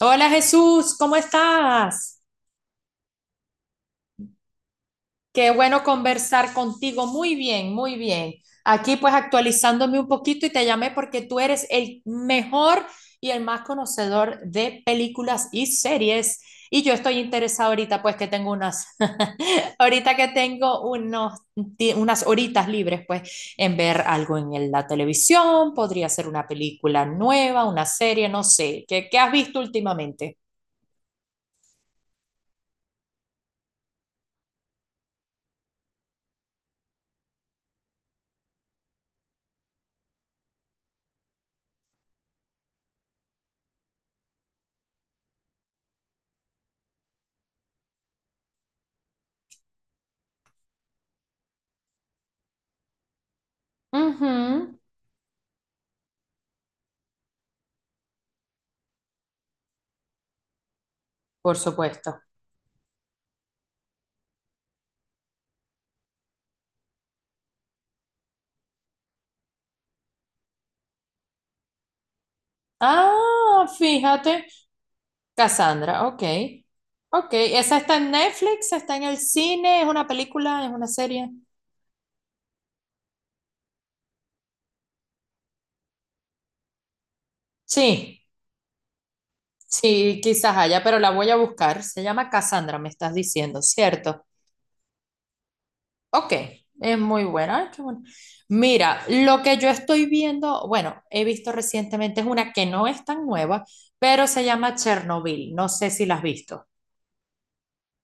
Hola Jesús, ¿cómo estás? Qué bueno conversar contigo. Muy bien, muy bien. Aquí pues actualizándome un poquito y te llamé porque tú eres el mejor y el más conocedor de películas y series. Y yo estoy interesada ahorita pues que tengo unas, ahorita que tengo unos, unas horitas libres pues en ver algo en la televisión, podría ser una película nueva, una serie, no sé. ¿Qué has visto últimamente? Ujú, por supuesto. Ah, fíjate, Cassandra, ok. Ok, ¿esa está en Netflix? ¿Está en el cine? ¿Es una película? ¿Es una serie? Sí, sí, quizás haya, pero la voy a buscar. Se llama Cassandra, me estás diciendo, ¿cierto? Ok, es muy buena. Ay, qué bueno. Mira, lo que yo estoy viendo, bueno, he visto recientemente es una que no es tan nueva, pero se llama Chernobyl. No sé si la has visto.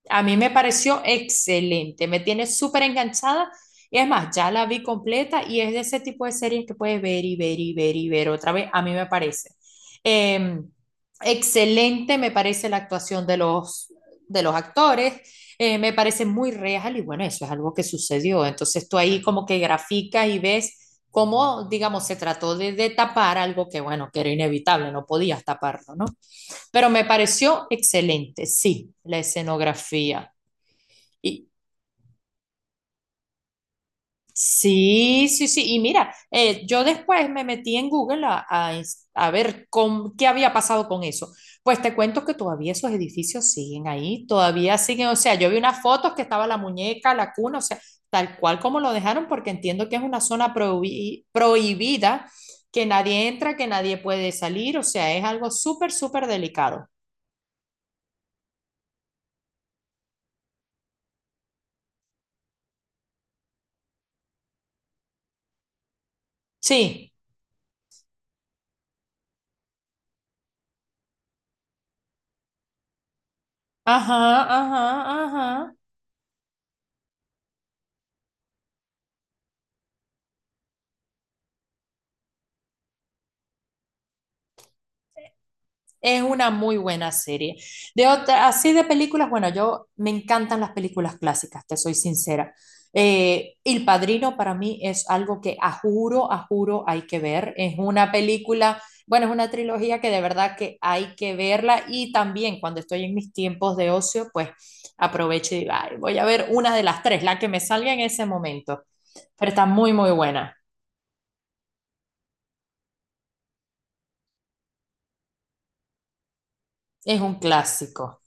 A mí me pareció excelente, me tiene súper enganchada. Y es más, ya la vi completa y es de ese tipo de series que puedes ver y ver y ver y ver otra vez, a mí me parece. Eh, Excelente me parece la actuación de los actores, me parece muy real y bueno, eso es algo que sucedió. Entonces tú ahí como que graficas y ves cómo, digamos, se trató de tapar algo que bueno, que era inevitable, no podías taparlo, ¿no? Pero me pareció excelente, sí, la escenografía. Y, sí, sí, sí. Y mira, yo después me metí en Google a ver con, qué había pasado con eso. Pues te cuento que todavía esos edificios siguen ahí, todavía siguen. O sea, yo vi unas fotos que estaba la muñeca, la cuna, o sea, tal cual como lo dejaron, porque entiendo que es una zona prohibida, que nadie entra, que nadie puede salir. O sea, es algo súper, súper delicado. Sí. Ajá, ajá. Es una muy buena serie. De otra, así de películas, bueno, yo me encantan las películas clásicas, te soy sincera. El Padrino para mí es algo que a juro hay que ver. Es una película, bueno, es una trilogía que de verdad que hay que verla y también cuando estoy en mis tiempos de ocio, pues aprovecho y digo, "Ay, voy a ver una de las tres, la que me salga en ese momento." Pero está muy, muy buena. Es un clásico.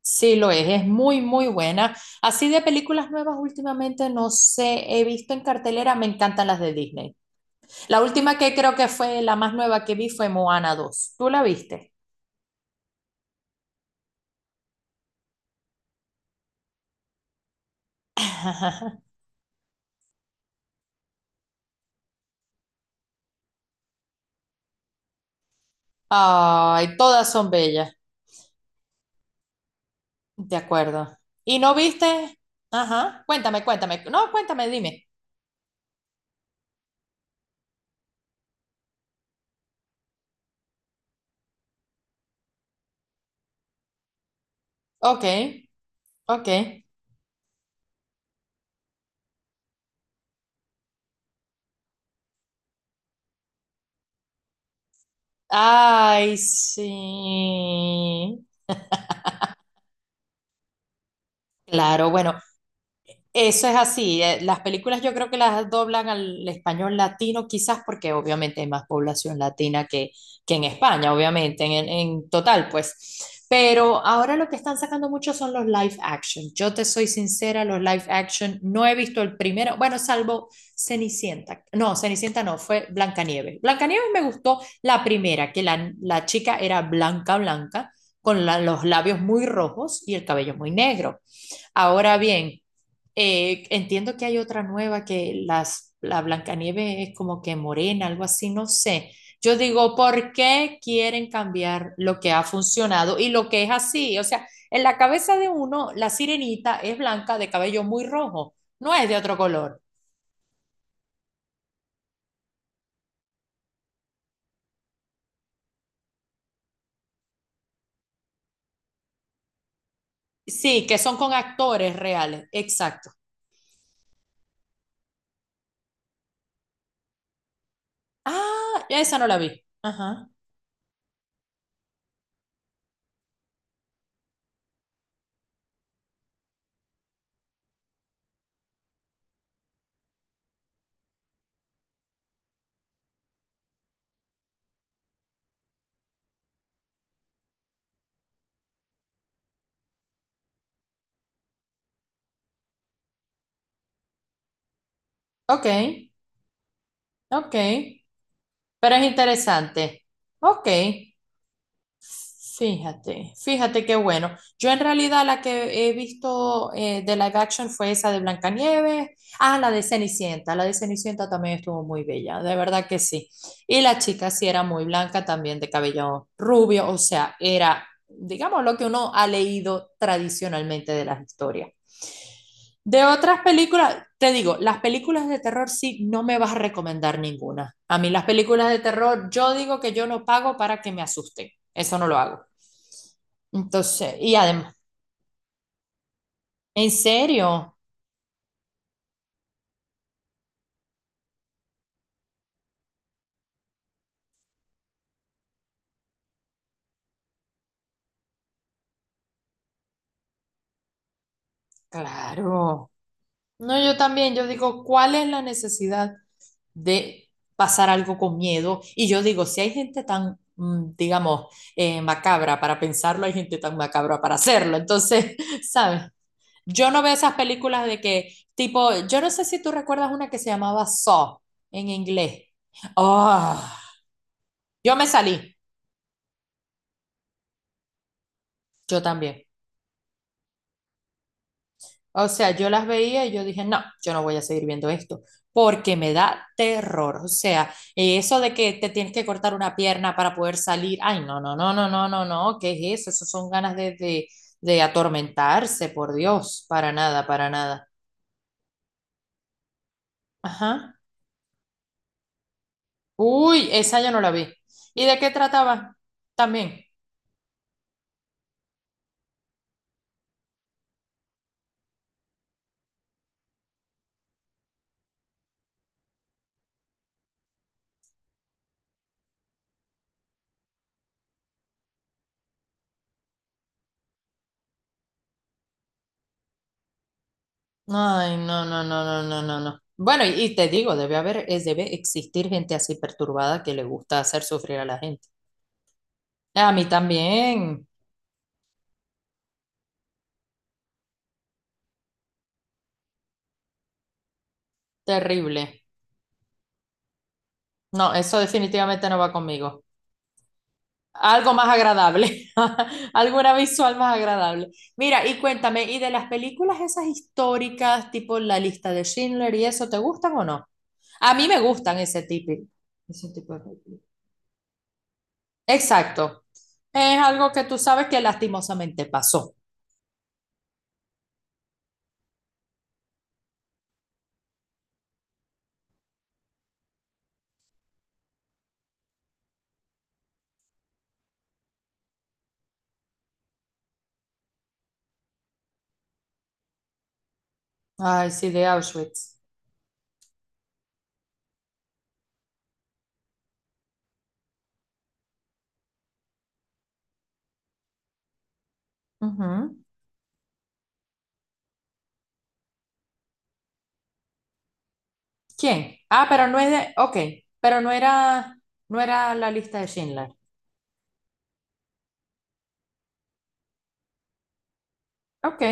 Sí, lo es muy, muy buena. Así de películas nuevas últimamente no sé, he visto en cartelera, me encantan las de Disney. La última que creo que fue la más nueva que vi fue Moana 2. ¿Tú la viste? Ay, todas son bellas, de acuerdo. ¿Y no viste? Ajá, cuéntame, cuéntame. No, cuéntame, dime. Ok, ok. Ay, sí. Claro, bueno, eso es así. Las películas yo creo que las doblan al español latino, quizás porque obviamente hay más población latina que en España, obviamente, en total, pues. Pero ahora lo que están sacando mucho son los live action. Yo te soy sincera, los live action no he visto el primero, bueno, salvo Cenicienta. No, Cenicienta no, fue Blancanieves. Blancanieves me gustó la primera, que la chica era blanca, blanca, con los labios muy rojos y el cabello muy negro. Ahora bien, entiendo que hay otra nueva que la Blancanieve es como que morena, algo así, no sé. Yo digo, ¿por qué quieren cambiar lo que ha funcionado y lo que es así? O sea, en la cabeza de uno, la sirenita es blanca de cabello muy rojo, no es de otro color. Sí, que son con actores reales, exacto. Ah, ya esa no la vi. Ajá. Ok, ok. Pero es interesante. Ok. Fíjate, fíjate qué bueno. Yo en realidad la que he visto de live action fue esa de Blancanieves. Ah, la de Cenicienta. La de Cenicienta también estuvo muy bella, de verdad que sí. Y la chica sí era muy blanca también, de cabello rubio, o sea, era, digamos, lo que uno ha leído tradicionalmente de las historias. De otras películas, te digo, las películas de terror sí, no me vas a recomendar ninguna. A mí las películas de terror, yo digo que yo no pago para que me asusten. Eso no lo hago. Entonces, y además, ¿en serio? Claro. No, yo también, yo digo, ¿cuál es la necesidad de pasar algo con miedo? Y yo digo, si hay gente tan, digamos, macabra para pensarlo, hay gente tan macabra para hacerlo. Entonces, ¿sabes? Yo no veo esas películas de que, tipo, yo no sé si tú recuerdas una que se llamaba Saw en inglés. Oh, yo me salí, yo también. O sea, yo las veía y yo dije, no, yo no voy a seguir viendo esto, porque me da terror. O sea, eso de que te tienes que cortar una pierna para poder salir, ay, no, no, no, no, no, no, no, ¿qué es eso? Eso son ganas de atormentarse, por Dios, para nada, para nada. Ajá. Uy, esa yo no la vi. ¿Y de qué trataba? También. Ay, no, no, no, no, no, no, no. Bueno, y te digo, debe haber, es, debe existir gente así perturbada que le gusta hacer sufrir a la gente. A mí también. Terrible. No, eso definitivamente no va conmigo. Algo más agradable, alguna visual más agradable. Mira, y cuéntame, ¿y de las películas esas históricas, tipo La lista de Schindler y eso, te gustan o no? A mí me gustan ese tipo de películas. Exacto. Es algo que tú sabes que lastimosamente pasó. Ay, sí, de Auschwitz. Ujú. ¿Quién? Ah, pero no es de, ok, pero no era, no era la lista de Schindler. Ok.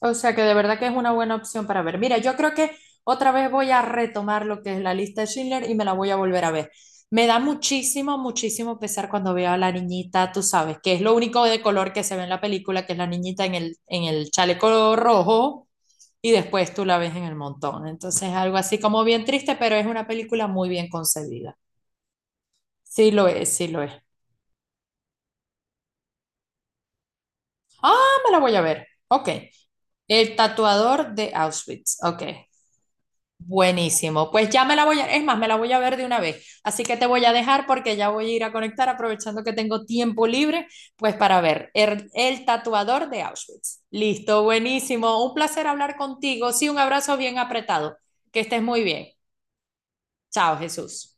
O sea que de verdad que es una buena opción para ver. Mira, yo creo que otra vez voy a retomar lo que es la lista de Schindler y me la voy a volver a ver. Me da muchísimo, muchísimo pesar cuando veo a la niñita, tú sabes, que es lo único de color que se ve en la película, que es la niñita en el chaleco rojo y después tú la ves en el montón. Entonces, algo así como bien triste, pero es una película muy bien concebida. Sí lo es, sí lo es. Ah, me la voy a ver. Ok. El tatuador de Auschwitz. Ok, buenísimo. Pues ya me la voy a, es más, me la voy a ver de una vez. Así que te voy a dejar porque ya voy a ir a conectar aprovechando que tengo tiempo libre, pues para ver el tatuador de Auschwitz. Listo, buenísimo. Un placer hablar contigo. Sí, un abrazo bien apretado. Que estés muy bien. Chao, Jesús.